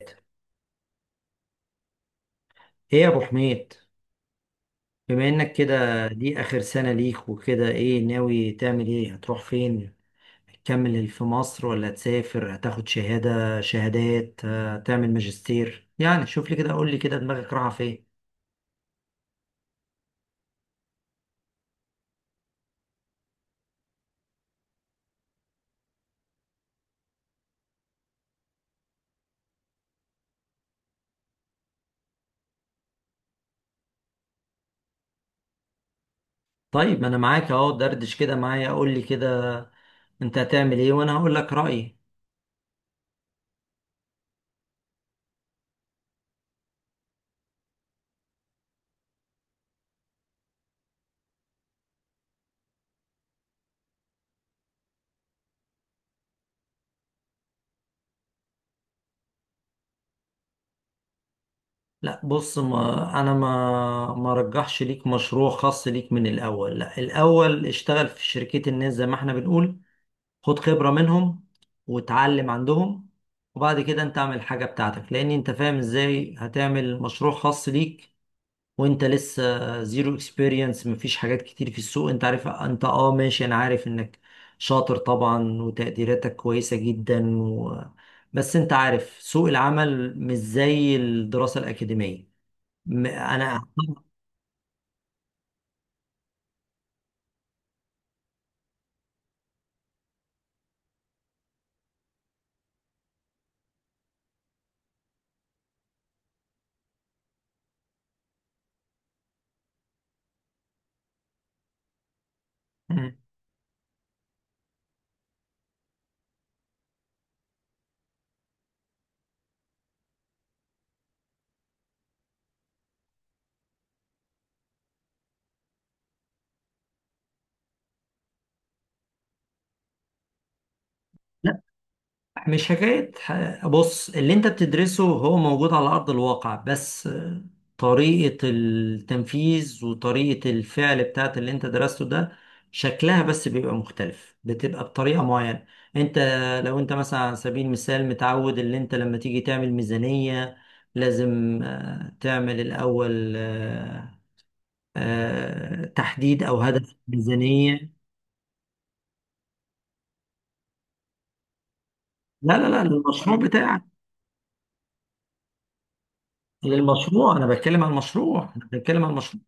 ايه، يا ابو حميد، بما انك كده دي اخر سنة ليك وكده ايه ناوي تعمل؟ ايه، هتروح فين؟ هتكمل في مصر ولا هتسافر؟ هتاخد شهادة، شهادات، هتعمل ماجستير؟ يعني شوف لي كده، قول لي كده، دماغك رايحة فين؟ طيب، ما انا معاك اهو، دردش كده معايا، قول لي كده انت هتعمل ايه وانا هقول لك رأيي. لا بص، ما انا ما رجحش ليك مشروع خاص ليك من الاول. لا، الاول اشتغل في شركات الناس زي ما احنا بنقول، خد خبرة منهم وتعلم عندهم، وبعد كده انت اعمل حاجة بتاعتك، لان انت فاهم ازاي هتعمل مشروع خاص ليك وانت لسه زيرو اكسبيرينس؟ مفيش حاجات كتير في السوق. انت عارف، انت اه ماشي، انا عارف انك شاطر طبعا وتقديراتك كويسة جدا و... بس انت عارف سوق العمل مش زي الدراسة الأكاديمية. انا... مم. مش حكاية بص، اللي انت بتدرسه هو موجود على أرض الواقع، بس طريقة التنفيذ وطريقة الفعل بتاعت اللي انت درسته ده شكلها بس بيبقى مختلف، بتبقى بطريقة معينة. انت لو انت مثلا على سبيل المثال متعود، اللي انت لما تيجي تعمل ميزانية لازم تعمل الأول تحديد أو هدف ميزانية. لا لا لا، للمشروع بتاعك. للمشروع، أنا بتكلم عن المشروع، أنا بتكلم عن المشروع.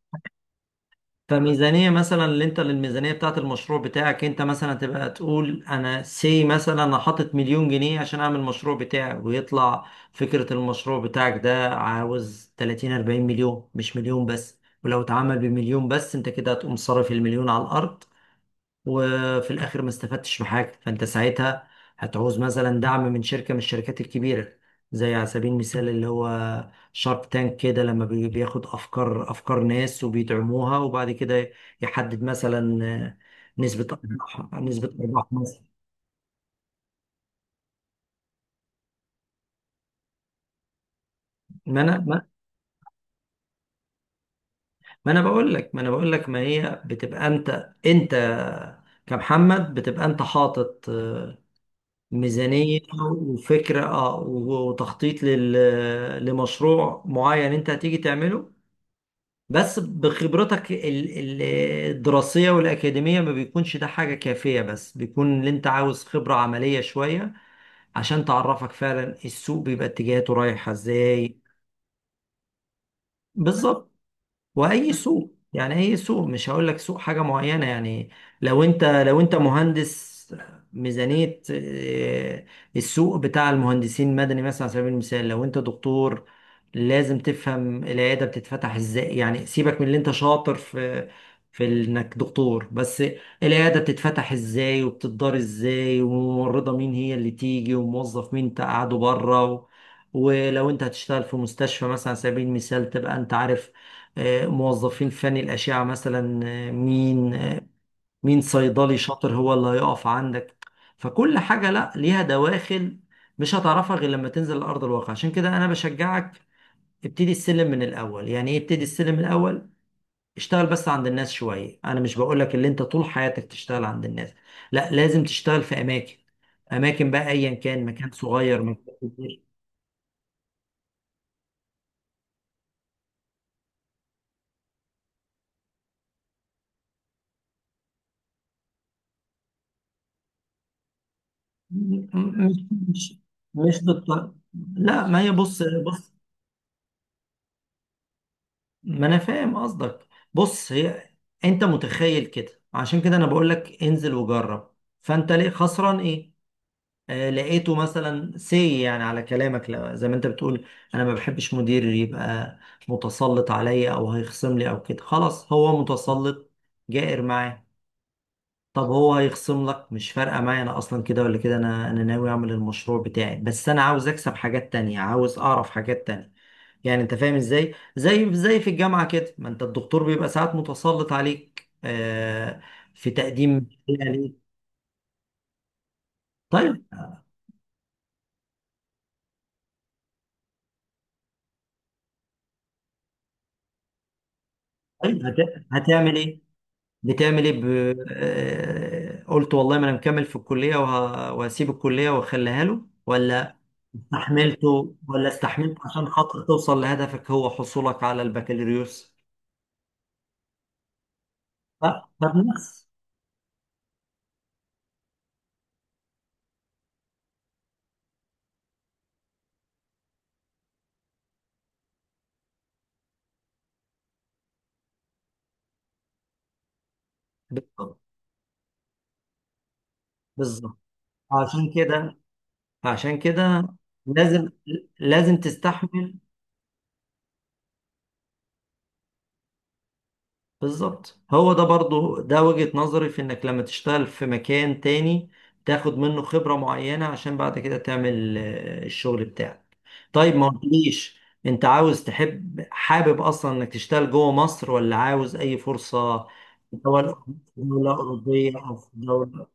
فميزانية مثلا، اللي انت للميزانية بتاعت المشروع بتاعك، انت مثلا تبقى تقول انا سي، مثلا انا حاطط مليون جنيه عشان اعمل المشروع بتاعي، ويطلع فكرة المشروع بتاعك ده عاوز 30 40 مليون، مش مليون بس. ولو اتعمل بمليون بس، انت كده هتقوم صارف المليون على الارض، وفي الاخر ما استفدتش بحاجه. فانت ساعتها هتعوز مثلا دعم من شركه من الشركات الكبيره، زي على سبيل المثال اللي هو شارك تانك كده، لما بياخد افكار، ناس، وبيدعموها، وبعد كده يحدد مثلا نسبه ارباح، مثلا. ما انا ما ما انا بقول لك ما انا بقول لك، ما هي بتبقى انت، كمحمد، بتبقى انت حاطط ميزانية وفكرة، اه، وتخطيط لمشروع معين انت هتيجي تعمله. بس بخبرتك الدراسية والأكاديمية، ما بيكونش ده حاجة كافية، بس بيكون اللي انت عاوز خبرة عملية شوية عشان تعرفك فعلا السوق بيبقى اتجاهاته رايحة ازاي. بالظبط. واي سوق، يعني اي سوق، مش هقول لك سوق حاجه معينه يعني. لو انت مهندس، ميزانيه، السوق بتاع المهندسين مدني مثلا. على سبيل المثال، لو انت دكتور، لازم تفهم العياده بتتفتح ازاي. يعني سيبك من اللي انت شاطر في انك دكتور بس، العياده بتتفتح ازاي وبتدار ازاي، وممرضه مين هي اللي تيجي، وموظف مين تقعده بره. ولو انت هتشتغل في مستشفى مثلا على سبيل المثال، تبقى انت عارف موظفين فني الأشعة مثلا، مين مين صيدلي شاطر هو اللي هيقف عندك. فكل حاجة لا ليها دواخل، مش هتعرفها غير لما تنزل لأرض الواقع. عشان كده أنا بشجعك ابتدي السلم من الأول. يعني إيه ابتدي السلم من الأول؟ اشتغل بس عند الناس شوية. أنا مش بقولك اللي أنت طول حياتك تشتغل عند الناس، لا، لازم تشتغل في أماكن، بقى أيا كان، مكان صغير مكان كبير. مش مش بالط- لا، ما هي، بص بص، ما انا فاهم قصدك. بص هي، انت متخيل كده. عشان كده انا بقول لك انزل وجرب، فانت ليه خسران ايه؟ آه، لقيته مثلا سي، يعني على كلامك، زي ما انت بتقول، انا ما بحبش مدير يبقى متسلط عليا او هيخصم لي او كده، خلاص هو متسلط جائر معاه، طب هو هيخصم لك مش فارقه معايا. انا اصلا كده ولا كده، انا ناوي اعمل المشروع بتاعي، بس انا عاوز اكسب حاجات تانية، عاوز اعرف حاجات تانية. يعني انت فاهم ازاي؟ زي في الجامعه كده، ما انت الدكتور بيبقى ساعات متسلط عليك، آه، في تقديم شيء ليك. طيب، هتعمل ايه؟ بتعمل ايه آه، قلت والله ما انا مكمل في الكليه وهسيب الكليه واخليها له، ولا استحملته، ولا استحملت عشان خاطر توصل لهدفك، هو حصولك على البكالوريوس. ف- فبنفس... بالظبط، بالظبط، عشان كده، عشان كده لازم، تستحمل. بالظبط، هو ده برضه ده وجهة نظري، في انك لما تشتغل في مكان تاني تاخد منه خبرة معينة عشان بعد كده تعمل الشغل بتاعك. طيب ما قلتليش، انت عاوز تحب حابب اصلا انك تشتغل جوه مصر ولا عاوز اي فرصة في دولة أوروبية أو في دولة؟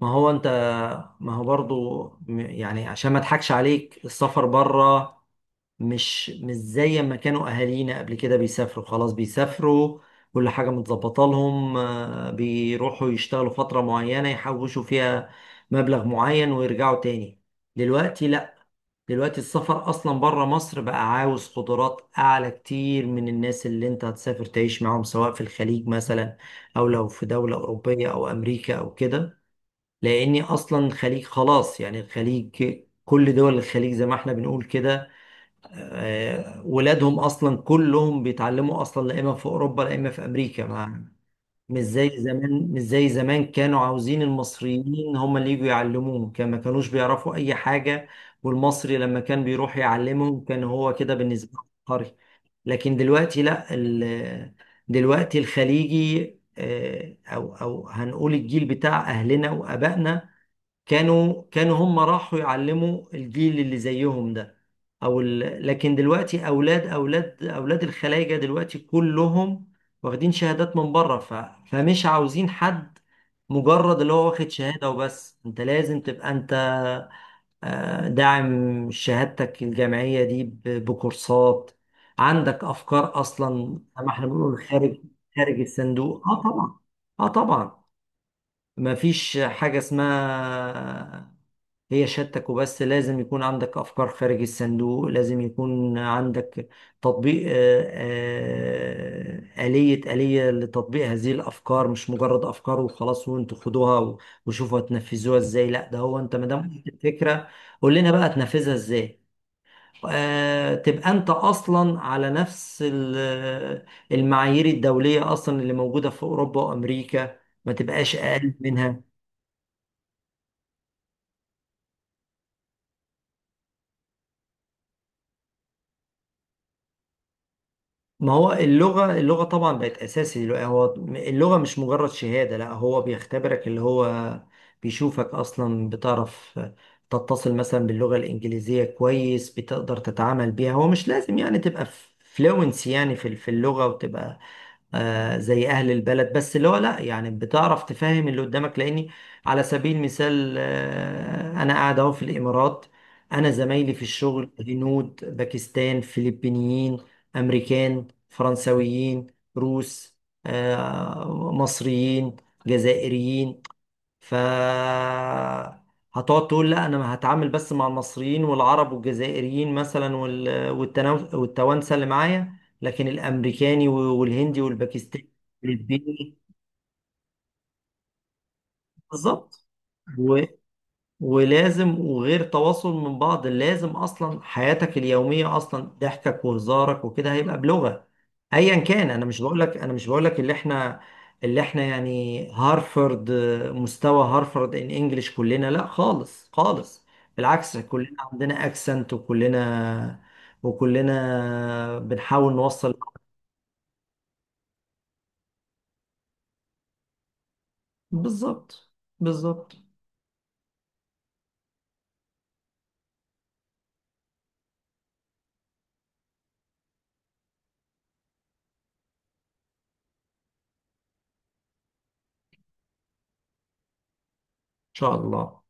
ما هو أنت، ما هو برضو م- يعني عشان ما أضحكش عليك، السفر بره مش زي ما كانوا اهالينا قبل كده بيسافروا. خلاص بيسافروا كل حاجة متظبطة لهم، بيروحوا يشتغلوا فترة معينة يحوشوا فيها مبلغ معين ويرجعوا تاني. دلوقتي لا، دلوقتي السفر اصلا بره مصر بقى عاوز قدرات اعلى كتير من الناس اللي انت هتسافر تعيش معاهم، سواء في الخليج مثلا، او لو في دولة اوروبية او امريكا او كده، لاني اصلا الخليج خلاص يعني. الخليج، كل دول الخليج زي ما احنا بنقول كده، ولادهم اصلا كلهم بيتعلموا اصلا، لا اما في اوروبا لا اما في امريكا، ما، مش زي زمان، كانوا عاوزين المصريين هم اللي يجوا يعلموهم، كان ما كانوش بيعرفوا اي حاجه، والمصري لما كان بيروح يعلمهم كان هو كده بالنسبه له عبقري. لكن دلوقتي لا، دلوقتي الخليجي او هنقول الجيل بتاع اهلنا وابائنا، كانوا هم راحوا يعلموا الجيل اللي زيهم ده لكن دلوقتي اولاد اولاد اولاد الخلايجه دلوقتي كلهم واخدين شهادات من بره، فمش عاوزين حد مجرد اللي هو واخد شهاده وبس. انت لازم تبقى انت داعم شهادتك الجامعيه دي بكورسات. عندك افكار اصلا، زي ما احنا بنقول، خارج الصندوق، اه طبعا. اه طبعا، ما فيش حاجه اسمها هي شهادتك وبس، لازم يكون عندك أفكار خارج الصندوق، لازم يكون عندك تطبيق، آلية، لتطبيق هذه الأفكار، مش مجرد أفكار وخلاص وانتوا خدوها وشوفوا هتنفذوها ازاي. لا، ده هو انت ما دام قلت الفكرة، قول لنا بقى هتنفذها ازاي. تبقى انت اصلا على نفس المعايير الدولية اصلا اللي موجودة في اوروبا وامريكا، ما تبقاش اقل منها. ما هو اللغة، طبعا بقت أساسي دلوقتي. هو اللغة مش مجرد شهادة، لا، هو بيختبرك، اللي هو بيشوفك أصلا بتعرف تتصل مثلا باللغة الإنجليزية كويس، بتقدر تتعامل بيها. هو مش لازم يعني تبقى فلوينسي يعني في اللغة، وتبقى زي اهل البلد، بس اللي هو لا، يعني بتعرف تفهم اللي قدامك. لاني على سبيل المثال انا قاعد اهو في الامارات، انا زمايلي في الشغل هنود، باكستان، فلبينيين، امريكان، فرنسويين، روس، مصريين، جزائريين. ف هتقعد تقول لا انا هتعامل بس مع المصريين والعرب والجزائريين مثلا والتوانسه اللي معايا، لكن الامريكاني والهندي والباكستاني والفلبيني، بالظبط. ولازم، وغير تواصل من بعض، لازم اصلا حياتك اليوميه اصلا ضحكك وهزارك وكده هيبقى بلغه ايا كان. انا مش بقولك اللي احنا يعني هارفرد، مستوى هارفرد ان انجلش كلنا، لا خالص خالص، بالعكس كلنا عندنا اكسنت، وكلنا بنحاول نوصل. بالظبط، بالظبط، ان شاء الله.